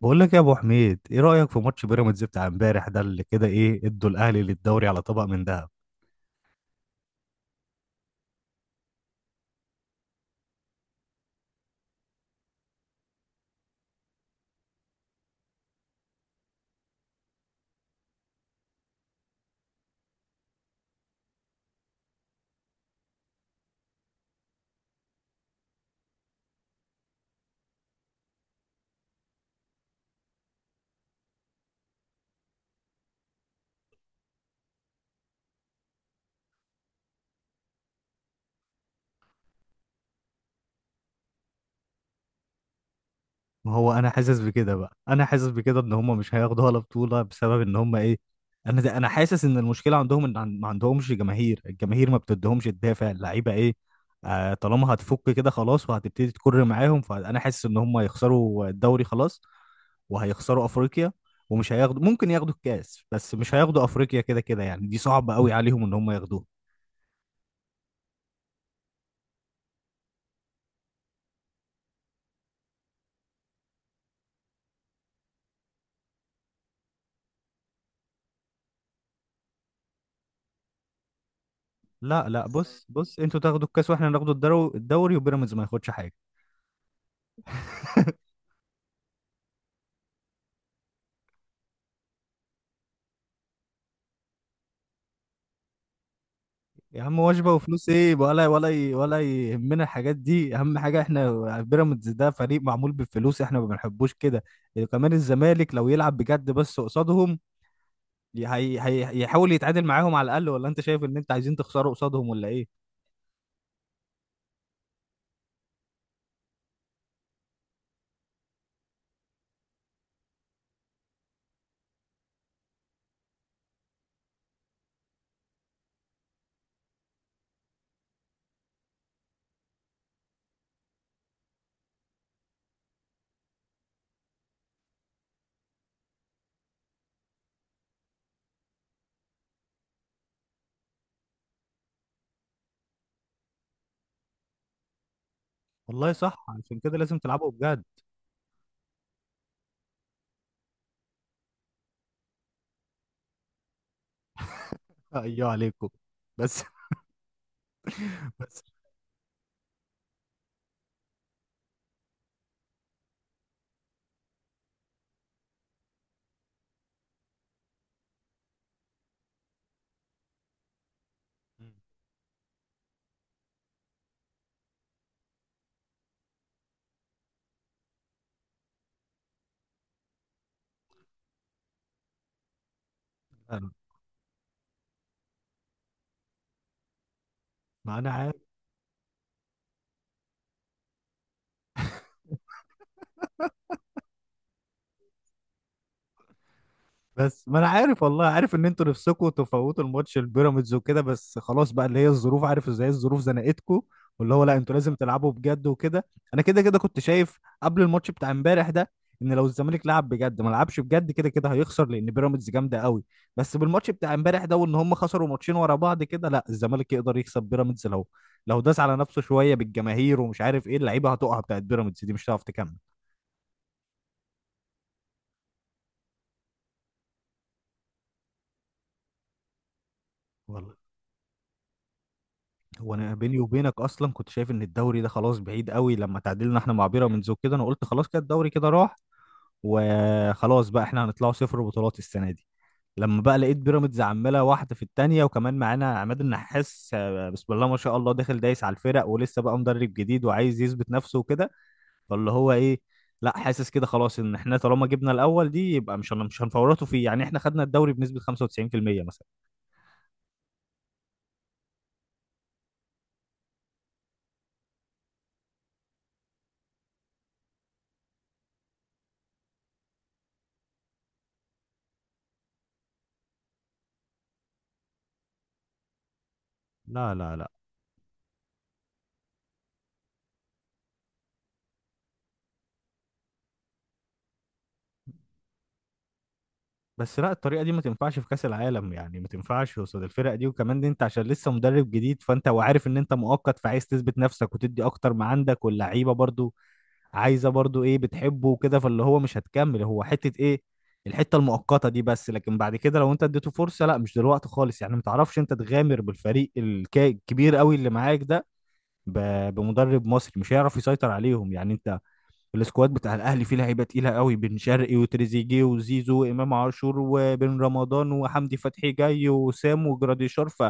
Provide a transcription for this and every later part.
بقول لك يا ابو حميد، ايه رايك في ماتش بيراميدز بتاع امبارح ده اللي كده ايه ادوا الاهلي للدوري على طبق من ذهب؟ ما هو انا حاسس بكده بقى، انا حاسس بكده ان هم مش هياخدوا ولا بطوله بسبب ان هم ايه. انا حاسس ان المشكله عندهم ان ما عندهمش جماهير، الجماهير ما بتديهمش الدافع اللعيبه ايه. طالما هتفك كده خلاص وهتبتدي تكر معاهم فانا حاسس ان هم هيخسروا الدوري خلاص، وهيخسروا افريقيا ومش هياخدوا، ممكن ياخدوا الكاس بس مش هياخدوا افريقيا، كده كده يعني دي صعبه قوي عليهم ان هم ياخدوها. لا لا، بص بص، انتوا تاخدوا الكاس واحنا ناخدوا الدوري وبيراميدز ما ياخدش حاجه. يا عم، وجبه وفلوس ايه، ولا يهمنا الحاجات دي، اهم حاجه احنا بيراميدز ده فريق معمول بالفلوس احنا ما بنحبوش كده. كمان الزمالك لو يلعب بجد بس قصادهم، هي يحاول يتعادل معاهم على الاقل، ولا انت شايف ان انت عايزين تخسروا قصادهم ولا ايه؟ والله صح، عشان كده لازم تلعبوا بجد. ايوه عليكم. بس بس. لا، لا، ما انا عارف. بس ما انا عارف والله، عارف ان انتوا نفسكم تفوتوا الماتش البيراميدز وكده، بس خلاص بقى اللي هي الظروف، عارف ازاي الظروف زنقتكم. واللي هو لا، انتوا لازم تلعبوا بجد وكده. انا كده كده كنت شايف قبل الماتش بتاع امبارح ده ان لو الزمالك لعب بجد ما لعبش بجد كده كده هيخسر، لان بيراميدز جامده قوي. بس بالماتش بتاع امبارح ده وان هم خسروا ماتشين ورا بعض كده، لا الزمالك يقدر يكسب بيراميدز لو داس على نفسه شويه، بالجماهير ومش عارف ايه اللعيبه هتقع، بتاعت بيراميدز دي مش هتعرف تكمل والله. هو انا بيني وبينك اصلا كنت شايف ان الدوري ده خلاص بعيد قوي، لما تعادلنا احنا مع بيراميدز وكده انا قلت خلاص كده الدوري كده راح، وخلاص بقى احنا هنطلعوا صفر بطولات السنه دي. لما بقى لقيت بيراميدز عماله واحده في التانيه، وكمان معانا عماد النحاس، بسم الله ما شاء الله داخل دايس على الفرق ولسه بقى مدرب جديد وعايز يثبت نفسه وكده، فاللي هو ايه لا، حاسس كده خلاص ان احنا طالما جبنا الاول دي يبقى مش هنفورطوا فيه، يعني احنا خدنا الدوري بنسبه 95% مثلا. لا لا لا. بس لا الطريقه دي ما تنفعش في كاس العالم، يعني ما تنفعش قصاد الفرق دي، وكمان دي انت عشان لسه مدرب جديد فانت وعارف ان انت مؤقت فعايز تثبت نفسك وتدي اكتر ما عندك، واللعيبه برضو عايزه برضو ايه بتحبه وكده، فاللي هو مش هتكمل هو حته ايه، الحته المؤقته دي بس، لكن بعد كده لو انت اديته فرصه، لا مش دلوقتي خالص، يعني ما تعرفش انت تغامر بالفريق الكبير قوي اللي معاك ده بمدرب مصري مش هيعرف يسيطر عليهم يعني. انت السكواد بتاع الاهلي فيه لعيبه تقيله قوي، بن شرقي وتريزيجيه وزيزو وامام عاشور وبن رمضان وحمدي فتحي جاي وسام وجراديشار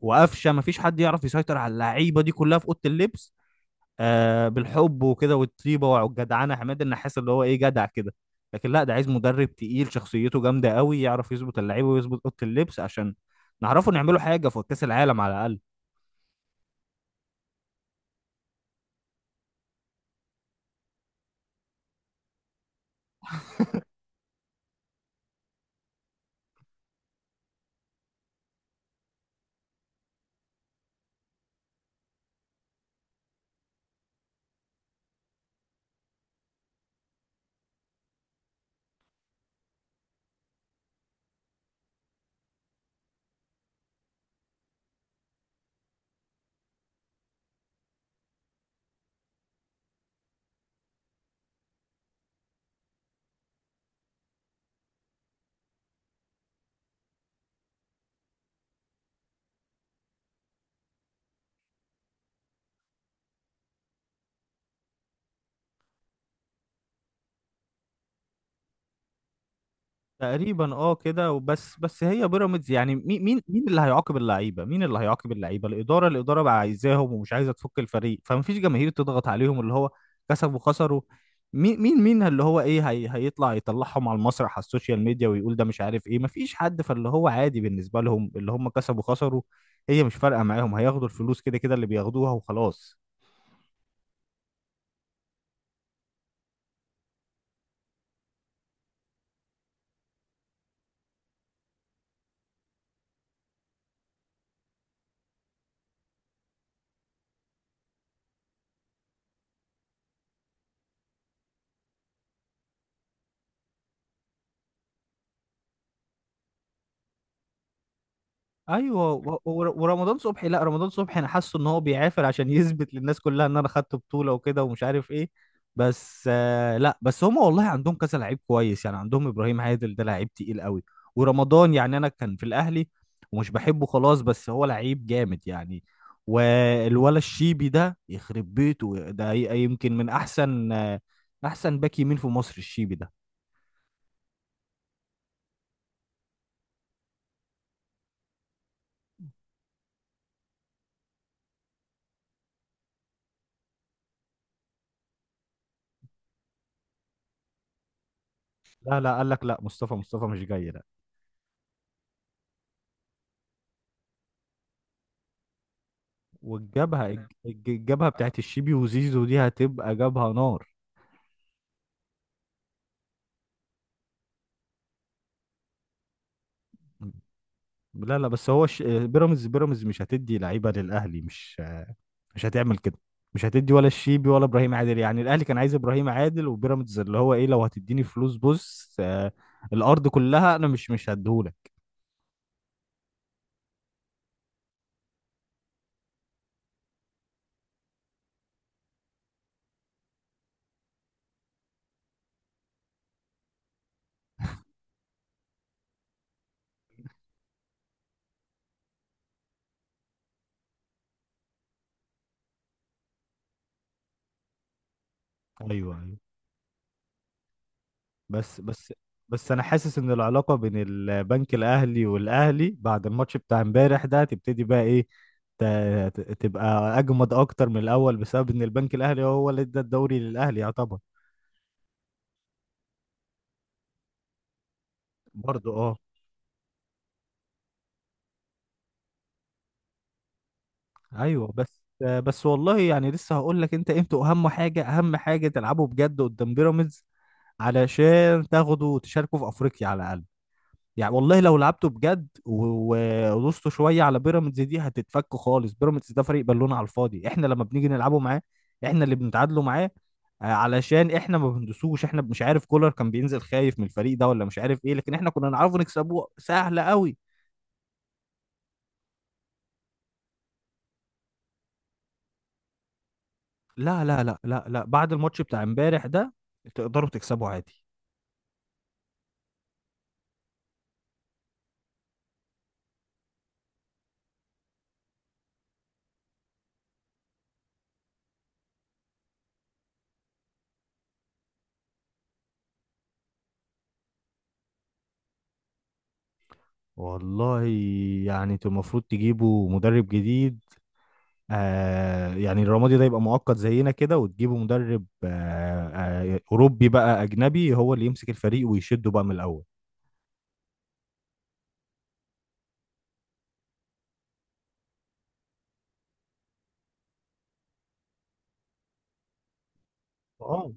وقفشه، ما فيش حد يعرف يسيطر على اللعيبه دي كلها في اوضه اللبس. بالحب وكده والطيبه والجدعنه عماد النحاس اللي هو ايه جدع كده، لكن لا، ده عايز مدرب تقيل شخصيته جامده قوي يعرف يظبط اللعيبه ويظبط اوضه اللبس، عشان نعرفوا نعملوا حاجه في كاس العالم على الاقل. تقريبا اه كده وبس. بس هي بيراميدز يعني مين اللي هيعاقب اللعيبه، مين اللي هيعاقب اللعيبه؟ الاداره بقى عايزاهم ومش عايزه تفك الفريق، فما فيش جماهير تضغط عليهم اللي هو كسبوا خسروا. مين اللي هو ايه، هي هيطلع يطلعهم على المسرح، على السوشيال ميديا ويقول ده مش عارف ايه، ما فيش حد، فاللي هو عادي بالنسبه لهم اللي هم كسبوا خسروا، هي مش فارقه معاهم، هياخدوا الفلوس كده كده اللي بياخدوها وخلاص. ايوه ورمضان صبحي، لا رمضان صبحي انا حاسه ان هو بيعافر عشان يثبت للناس كلها ان انا خدت بطوله وكده ومش عارف ايه. بس لا، بس هم والله عندهم كذا لعيب كويس، يعني عندهم ابراهيم عادل ده لعيب تقيل قوي. ورمضان يعني انا كان في الاهلي ومش بحبه خلاص، بس هو لعيب جامد يعني. والولا الشيبي ده يخرب بيته ده يمكن من احسن، احسن باك يمين في مصر الشيبي ده. لا لا، قال لك لا، مصطفى مش جاي. والجبهة الجبهة بتاعت الشيبي وزيزو دي هتبقى جبهة نار. لا لا، بس هو بيراميدز مش هتدي لعيبة للأهلي، مش هتعمل كده، مش هتدي ولا الشيبي ولا إبراهيم عادل، يعني الأهلي كان عايز إبراهيم عادل وبيراميدز اللي هو إيه لو هتديني فلوس بص، الأرض كلها أنا مش هديهولك. أيوه أيوه. بس بس بس انا حاسس ان العلاقه بين البنك الاهلي والاهلي بعد الماتش بتاع امبارح ده تبتدي بقى ايه، ت- تبقى اجمد اكتر من الاول بسبب ان البنك الاهلي هو اللي ادى الدوري للاهلي يعتبر. برضه اه. ايوه بس بس والله يعني لسه هقول لك انت، انتوا اهم حاجه اهم حاجه تلعبوا بجد قدام بيراميدز، علشان تاخدوا وتشاركوا في افريقيا على الاقل. يعني والله لو لعبته بجد ودوسته شويه على بيراميدز دي هتتفك خالص، بيراميدز ده فريق بالون على الفاضي، احنا لما بنيجي نلعبه معاه احنا اللي بنتعادلوا معاه، علشان احنا ما بندوسوش، احنا مش عارف كولر كان بينزل خايف من الفريق ده ولا مش عارف ايه، لكن احنا كنا نعرفه نكسبوه سهله قوي. لا لا لا لا لا، بعد الماتش بتاع امبارح ده تقدروا تكسبوا عادي. والله يعني انتوا المفروض تجيبوا مدرب جديد، آه يعني الرمادي ده يبقى مؤقت زينا كده، وتجيبوا مدرب أوروبي بقى، أجنبي هو اللي يمسك الفريق ويشده بقى من الأول. اه،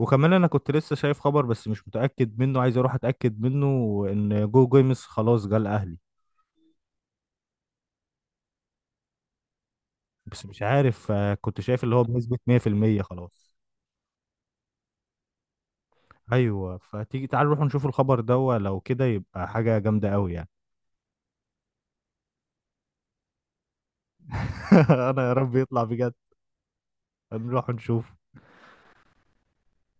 وكمان أنا كنت لسه شايف خبر بس مش متأكد منه، عايز أروح أتأكد منه إن جو جيمس خلاص جه الأهلي، بس مش عارف، كنت شايف اللي هو بنسبة 100% خلاص. أيوه، فتيجي تعال نروح نشوف الخبر ده، لو كده يبقى حاجة جامدة أوي يعني. أنا يا رب يطلع بجد، هنروح نشوف.